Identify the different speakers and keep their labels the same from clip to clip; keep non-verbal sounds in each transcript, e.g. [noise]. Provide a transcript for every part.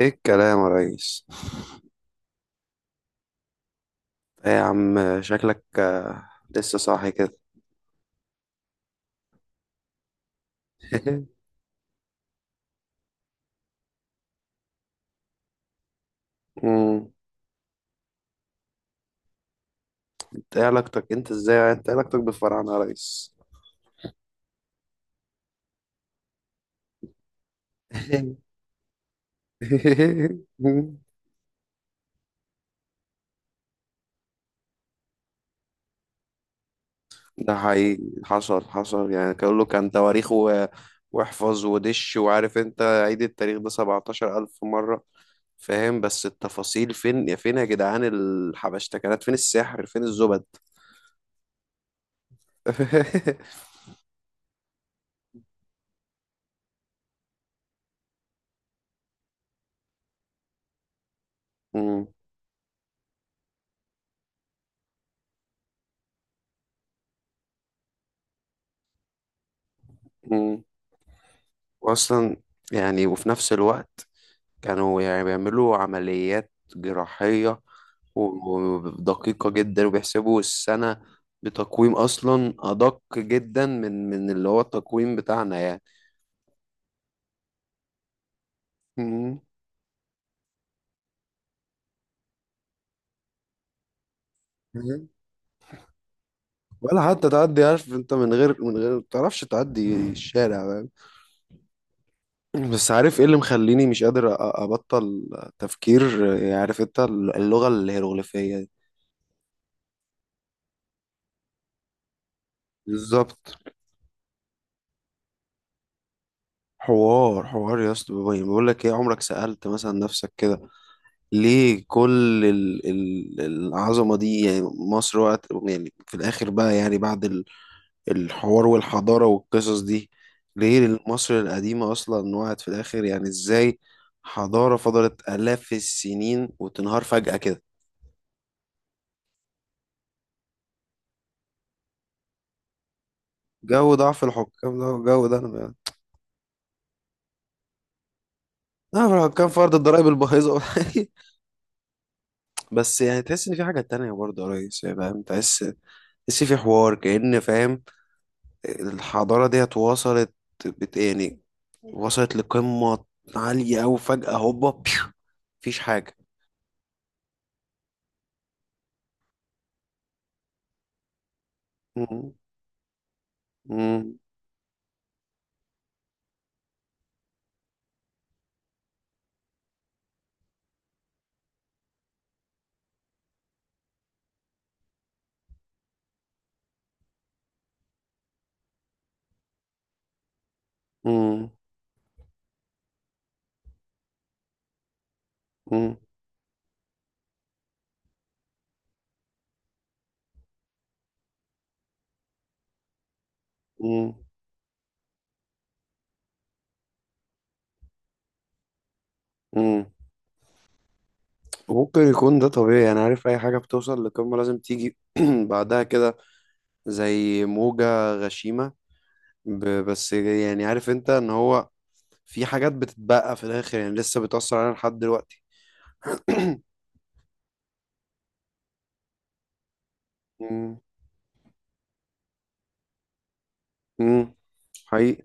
Speaker 1: ايه الكلام يا ريس؟ ايه يا عم شكلك لسه صاحي كده. [laughs] مم. انت ايه علاقتك انت ازاي يعني؟ انت إيه علاقتك بالفراعنة يا ريس؟ [laughs] ده حقيقي حصل، يعني كان له كان تواريخ و... واحفظ ودش، وعارف انت عيد التاريخ ده 17 ألف مرة، فاهم؟ بس التفاصيل فين؟ يا فين يا جدعان الحبشتكنات؟ فين السحر؟ فين الزبد؟ [laughs] مم. مم. واصلا يعني وفي نفس الوقت كانوا يعني بيعملوا عمليات جراحية ودقيقة جدا، وبيحسبوا السنة بتقويم أصلا أدق جدا من اللي هو التقويم بتاعنا يعني. مم. مم. ولا حتى تعدي، عارف انت، من غير ما تعرفش تعدي الشارع، فاهم؟ بس عارف ايه اللي مخليني مش قادر ابطل تفكير؟ يعني عارف انت اللغة الهيروغليفية دي. بالظبط. حوار يا اسطى، بقول لك ايه، عمرك سألت مثلا نفسك كده ليه كل العظمة دي؟ يعني مصر وقت يعني في الآخر بقى، يعني بعد الحوار والحضارة والقصص دي، ليه مصر القديمة أصلا وقعت في الآخر؟ يعني إزاي حضارة فضلت آلاف السنين وتنهار فجأة كده؟ جو ضعف الحكام ده، جو ده أنا. ضعف الحكام في أرض الضرايب البايظة. [laughs] بس يعني تحس إن في حاجة تانية برضه يا ريس، يعني فاهم، تحس، تحس في حوار كأن، فاهم، الحضارة ديت وصلت، بت يعني، وصلت لقمة عالية أوي، فجأة هوبا بيو، مفيش حاجة. مم. مم. مم. مم. مم. مم. وممكن يكون ده طبيعي، أنا عارف أي حاجة بتوصل لقمة لازم تيجي [clears throat] بعدها كده زي موجة غشيمة. بس يعني عارف أنت إن هو في حاجات بتتبقى في الآخر، يعني لسه بتأثر علينا لحد دلوقتي. [clears throat] مم. مم. حقيقي،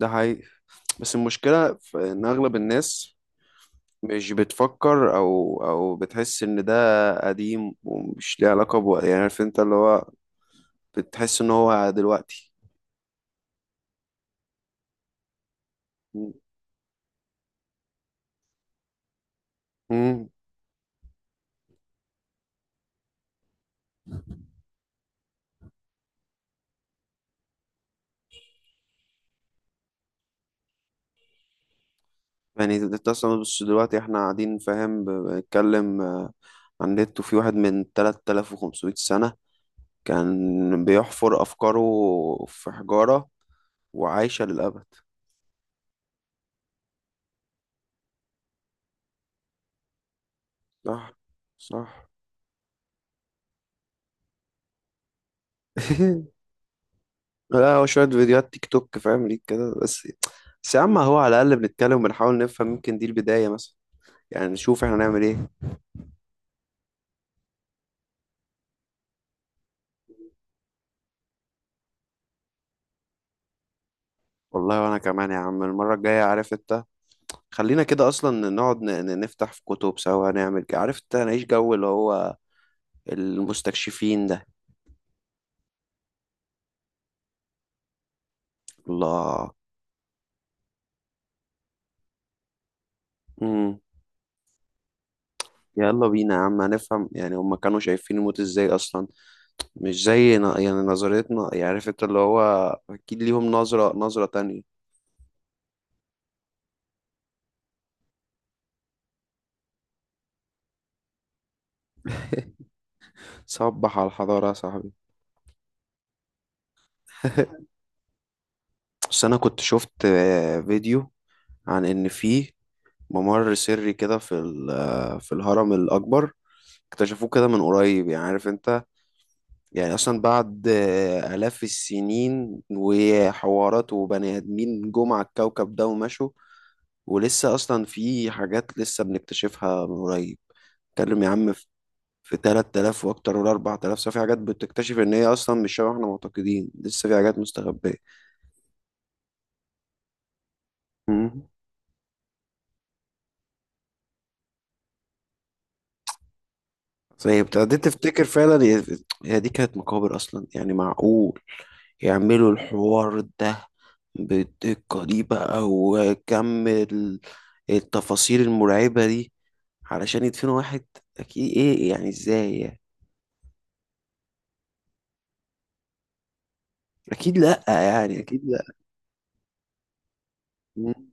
Speaker 1: ده حقيقي. بس المشكلة في إن أغلب الناس مش بتفكر أو بتحس إن ده قديم ومش ليه علاقة بوقت، يعني عارف أنت اللي هو بتحس إن هو دلوقتي. مم. يعني أنت أصلا، بس دلوقتي إحنا قاعدين فاهم بنتكلم عن النت، وفي واحد من 3500 سنة كان بيحفر أفكاره في حجارة وعايشة للأبد. صح، صح. [laughs] لا، هو شوية فيديوهات تيك توك فاهم ليك كده بس. بس يا عم هو على الأقل بنتكلم وبنحاول نفهم، يمكن دي البداية مثلا، يعني نشوف احنا نعمل ايه. والله، وأنا كمان يا عم، المرة الجاية عارف انت، خلينا كده أصلا نقعد نفتح في كتب سوا، نعمل كده عارف انت، نعيش جو اللي هو المستكشفين ده. الله. امم. يلا بينا يا عم، هنفهم يعني هما كانوا شايفين الموت ازاي أصلا، مش زي يعني نظرتنا، يعني عارف انت اللي هو أكيد ليهم نظرة تانية. [laughs] صبح على الحضارة يا صاحبي. [laughs] بس انا كنت شفت فيديو عن ان في ممر سري كده في في الهرم الاكبر، اكتشفوه كده من قريب، يعني عارف انت، يعني اصلا بعد الاف السنين وحوارات وبني ادمين جم على الكوكب ده ومشوا، ولسه اصلا في حاجات لسه بنكتشفها من قريب. اتكلم يا عم، في 3000 واكتر ولا 4000 سنة، في حاجات بتكتشف ان هي اصلا مش شبه احنا معتقدين، لسه في حاجات مستخبية. صحيح، ابتديت تفتكر فعلا، هي دي كانت مقابر اصلا؟ يعني معقول يعملوا الحوار ده بالدقة دي بقى، وكم التفاصيل المرعبة دي، علشان يدفنوا واحد؟ اكيد ايه يعني، ازاي يعني؟ اكيد لا، يعني اكيد لا. مم.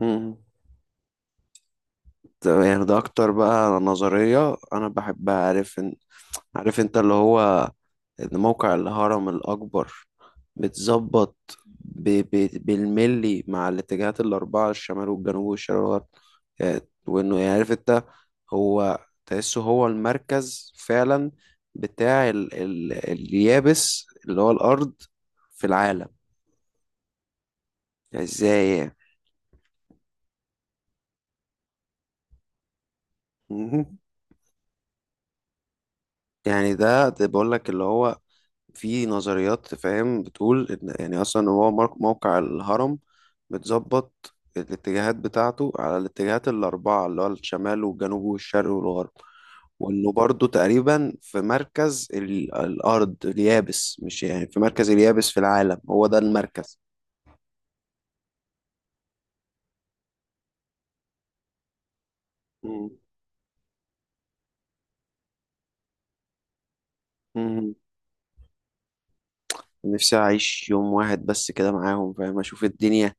Speaker 1: مم. طب يعني ده اكتر بقى نظرية انا بحبها، عارف ان، عارف انت اللي هو، إن موقع الهرم الأكبر بتظبط بالملي مع الاتجاهات الأربعة، الشمال والجنوب والشرق والغرب يعني، وإنه يعني عارف أنت، هو تحسه هو المركز فعلا بتاع اليابس اللي هو الأرض في العالم، يعني إزاي يعني؟ مهم. يعني ده بقول لك اللي هو في نظريات فاهم بتقول ان يعني اصلا هو موقع الهرم متظبط الاتجاهات بتاعته على الاتجاهات الاربعه اللي هو الشمال والجنوب والشرق والغرب، وانه برضه تقريبا في مركز الارض اليابس، مش يعني في مركز اليابس في العالم، هو ده المركز. مم. مم. نفسي اعيش يوم واحد بس كده معاهم، فاهم اشوف الدنيا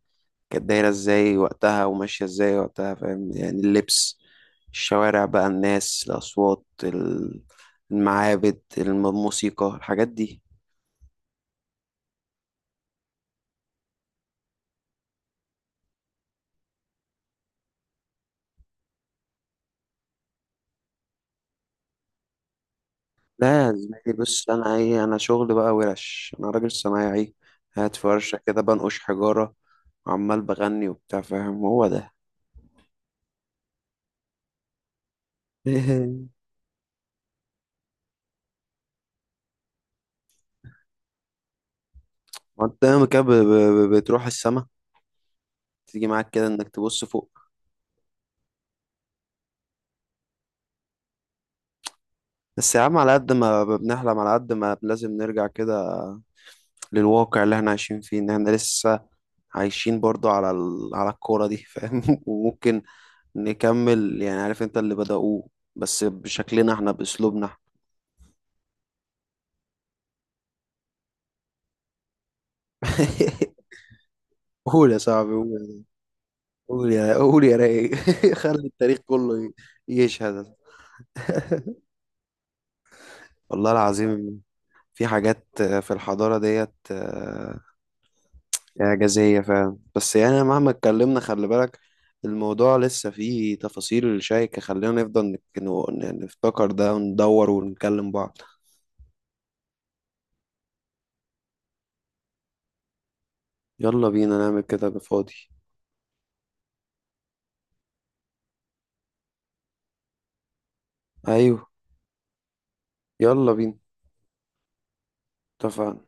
Speaker 1: كانت دايرة ازاي وقتها وماشية ازاي وقتها، فاهم، يعني اللبس، الشوارع بقى، الناس، الأصوات، المعابد، الموسيقى، الحاجات دي. لا يا زميلي، بص أنا إيه، أنا شغل بقى ورش، أنا راجل صنايعي قاعد في ورشة كده بنقش حجارة وعمال بغني وبتاع، فاهم، هو ده. [laughs] وأنت ياما كده بتروح السما، تيجي معاك كده إنك تبص فوق. بس يا عم، على قد ما بنحلم، على قد ما لازم نرجع كده للواقع اللي احنا عايشين فيه، ان احنا لسه عايشين برضو على على الكورة دي، فاهم؟ [laughs] وممكن نكمل يعني عارف انت اللي بدأوه، بس بشكلنا احنا، بأسلوبنا. [laughs] قول يا صاحبي قول. قول يا رايق. [laughs] خلي التاريخ كله يشهد. [laughs] والله العظيم في حاجات في الحضارة ديت إعجازية فعلا، بس يعني مهما اتكلمنا خلي بالك الموضوع لسه فيه تفاصيل شائكة، خلينا نفضل نفتكر ده وندور ونكلم بعض. يلا بينا نعمل كده بفاضي. ايوه، يلا بينا. اتفقنا.